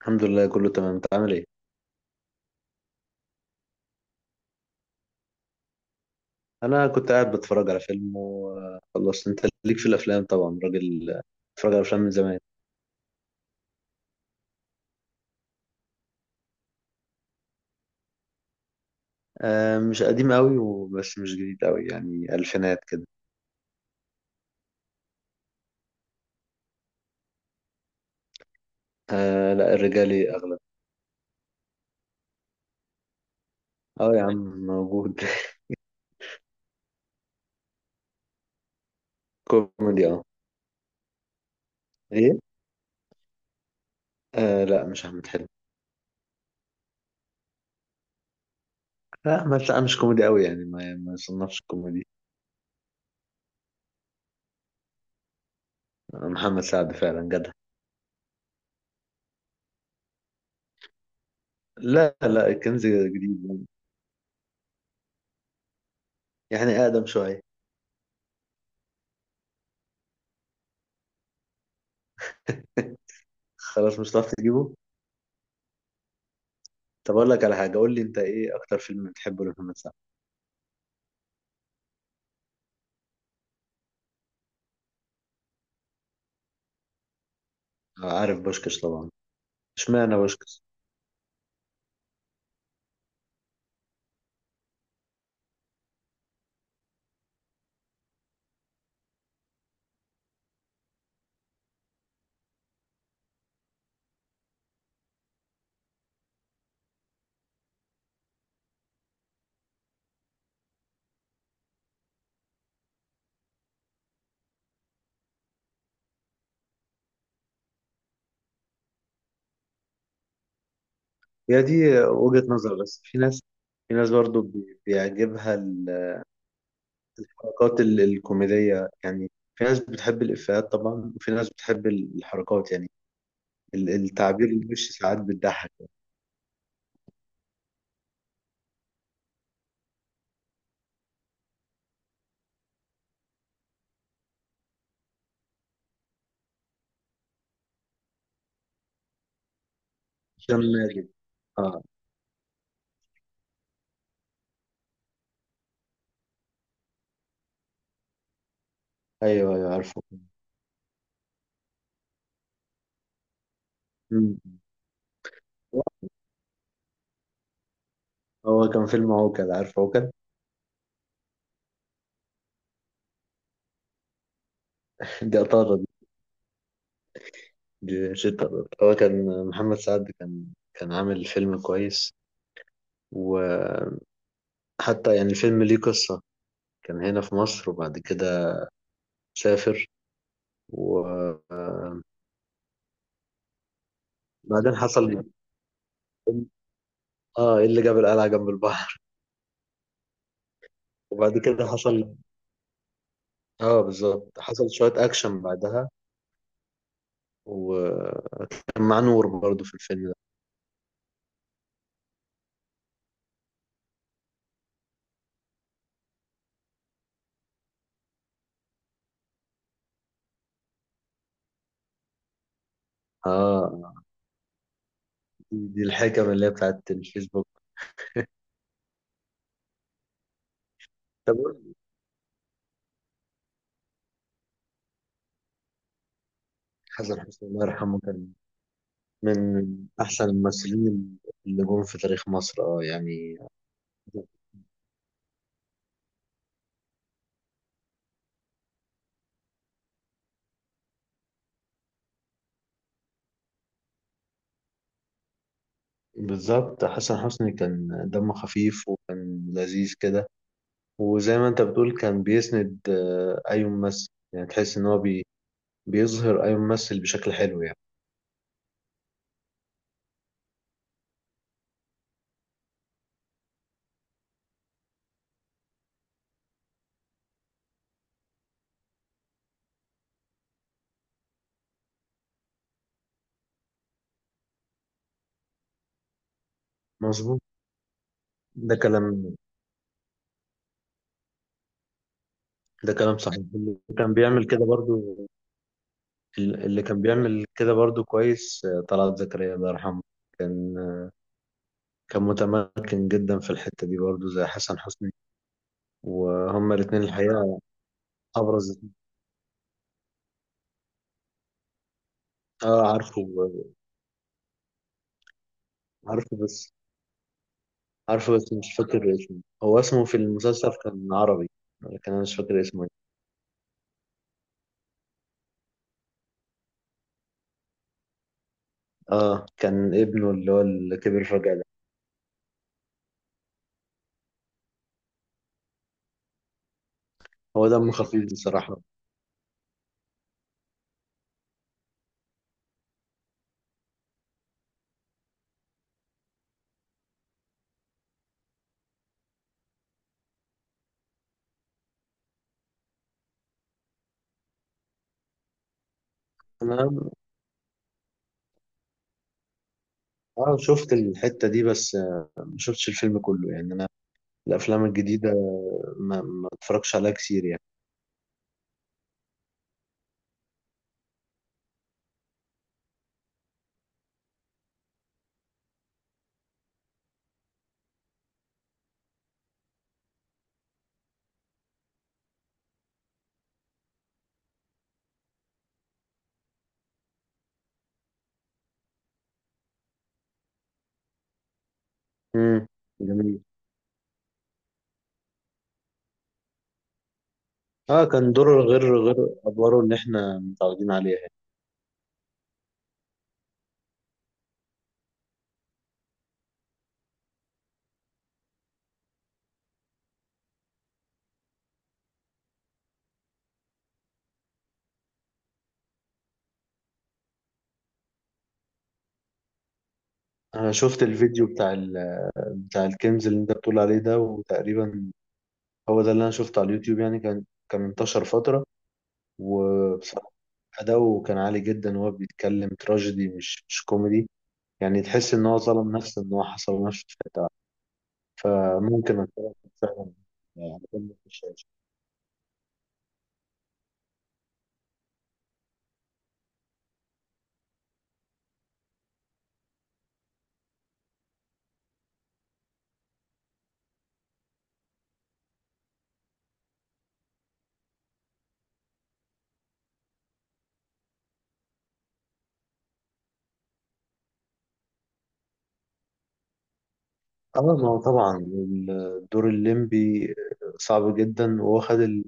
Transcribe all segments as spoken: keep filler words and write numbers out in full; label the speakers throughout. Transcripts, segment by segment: Speaker 1: الحمد لله كله تمام، انت عامل ايه؟ انا كنت قاعد بتفرج على فيلم وخلصت. انت ليك في الافلام طبعا، راجل بتفرج على افلام من زمان. آه، مش قديم قوي وبس مش جديد قوي، يعني الفينات كده. آه لا، الرجالي اغلب. اه يا عم موجود. كوميدي اه. ايه؟ آه لا مش احمد حلمي. لا احمد، لا مش كوميدي قوي يعني ما ما يصنفش كوميدي. آه، محمد سعد فعلا جدع. لا لا، الكنز جديد. يعني، يعني اقدم شويه. خلاص مش هتعرف تجيبه. طب اقول لك على حاجه، قول لي انت ايه اكتر فيلم بتحبه لمحمد سعد؟ عارف بوشكش طبعا. اشمعنى بوشكش؟ هي دي وجهة نظر، بس في ناس، في ناس برضو بي- بيعجبها الحركات ال- الكوميدية يعني. في ناس بتحب الإفيهات طبعا، وفي ناس بتحب الحركات يعني ال- التعبير الوش، ساعات بتضحك. هشام ماجد، اه. ايوه ايوه عارفه. مم. هو كان فيلم عوكل، عارف عوكل؟ دي أطارد، دي شتا أطارد. هو كان محمد سعد كان كان عامل فيلم كويس، وحتى يعني الفيلم ليه قصة. كان هنا في مصر وبعد كده سافر، وبعدين حصل. اه، ايه اللي جاب القلعة جنب البحر؟ وبعد كده حصل. اه بالظبط، حصل شوية أكشن بعدها. وكان مع نور برضه في الفيلم ده. اه، دي دي الحكم اللي هي بتاعت الفيسبوك. طب قول لي، حسن حسني الله يرحمه كان من أحسن الممثلين اللي جم في تاريخ مصر، اه يعني. بالظبط، حسن حسني كان دمه خفيف وكان لذيذ كده. وزي ما انت بتقول، كان بيسند آه، اي ممثل، يعني تحس ان هو بي بيظهر اي ممثل بشكل حلو يعني. مظبوط، ده كلام. ده كلام صحيح. اللي كان بيعمل كده برضو، اللي كان بيعمل كده برضو كويس آه، طلعت زكريا الله يرحمه. كان آه، كان متمكن جدا في الحتة دي برضو زي حسن حسني، وهما الاتنين الحقيقة أبرز. اه عارفه. عارفه بس، عارفه بس مش فاكر اسمه. هو اسمه في المسلسل كان عربي، لكن أنا مش فاكر اسمه. اه، كان ابنه اللي هو اللي كبر فجأة ده. هو دمه خفيف بصراحة. انا اه شفت الحتة دي بس، آه، ما شفتش الفيلم كله يعني. انا الافلام الجديدة ما ما اتفرجش عليها كتير يعني. امم جميل. اه كان دوره غير، غير ادواره اللي احنا متعودين عليها يعني. انا شفت الفيديو بتاع ال... بتاع الكنز اللي انت بتقول عليه ده، وتقريبا هو ده اللي انا شفته على اليوتيوب يعني. كان كان انتشر فترة. وبصراحة أداؤه كان عالي جدا وهو بيتكلم تراجيدي، مش مش كوميدي. يعني تحس ان هو ظلم نفسه، ان هو حصر نفسه في حته واحدة. فممكن اتفرج فعلا على فيلم في الشاشه. اه ما هو طبعا الدور الليمبي صعب جدا. وهو خد ال...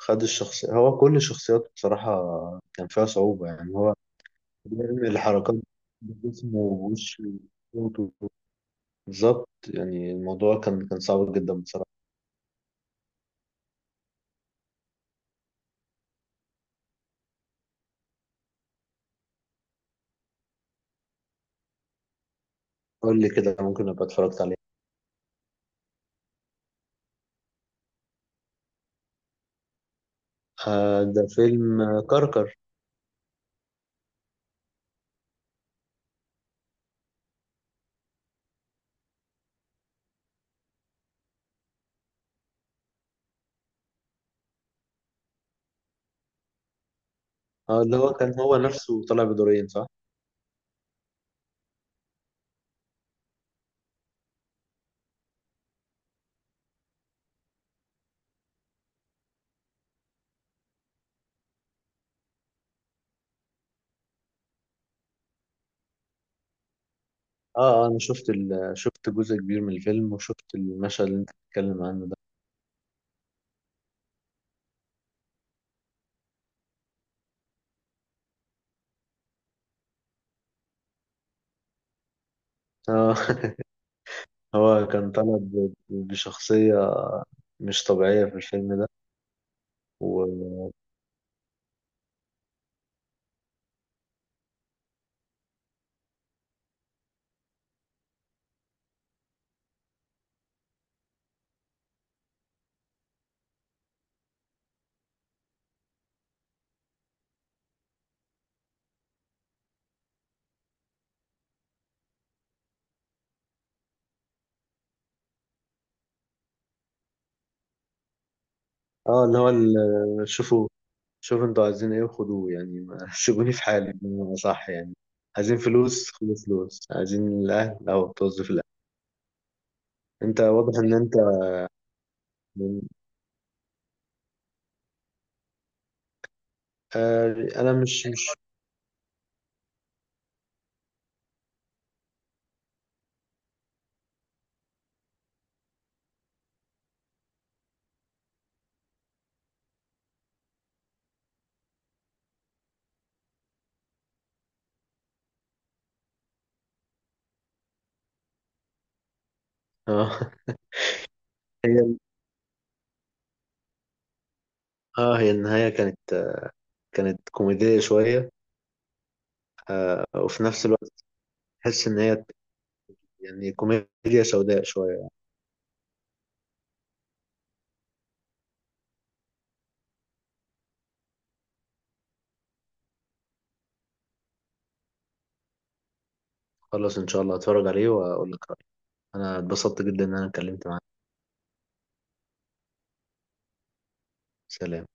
Speaker 1: خد الشخصية. هو كل شخصياته بصراحة كان فيها صعوبة، يعني هو بيعمل الحركات بجسمه ووشه وصوته. بالظبط، يعني الموضوع كان كان صعب جدا بصراحة. قول لي كده، ممكن أبقى اتفرجت عليه. آه ده فيلم كركر. آه اللي هو كان هو نفسه طالع بدورين، صح؟ اه اه، انا شفت ال... شفت جزء كبير من الفيلم، وشفت المشهد اللي انت بتتكلم عنه ده. آه. هو كان طالع ب... بشخصية مش طبيعية في الفيلم ده. و... اه اللي هو ال... شوفوا، شوفوا انتوا عايزين ايه وخدوه يعني، ما سيبوني في حالي بمعنى، صح يعني. عايزين فلوس خدوا فلوس، عايزين الاهل او توظف الاهل. انت واضح ان انت يعني، آه انا مش مش آه. هي اه، هي النهاية كانت كانت كوميدية شوية، آه وفي نفس الوقت تحس ان هي يعني كوميديا سوداء شوية. خلاص إن شاء الله هتفرج عليه وأقول لك رأيي. أنا اتبسطت جدا إن أنا اتكلمت معاك. سلام.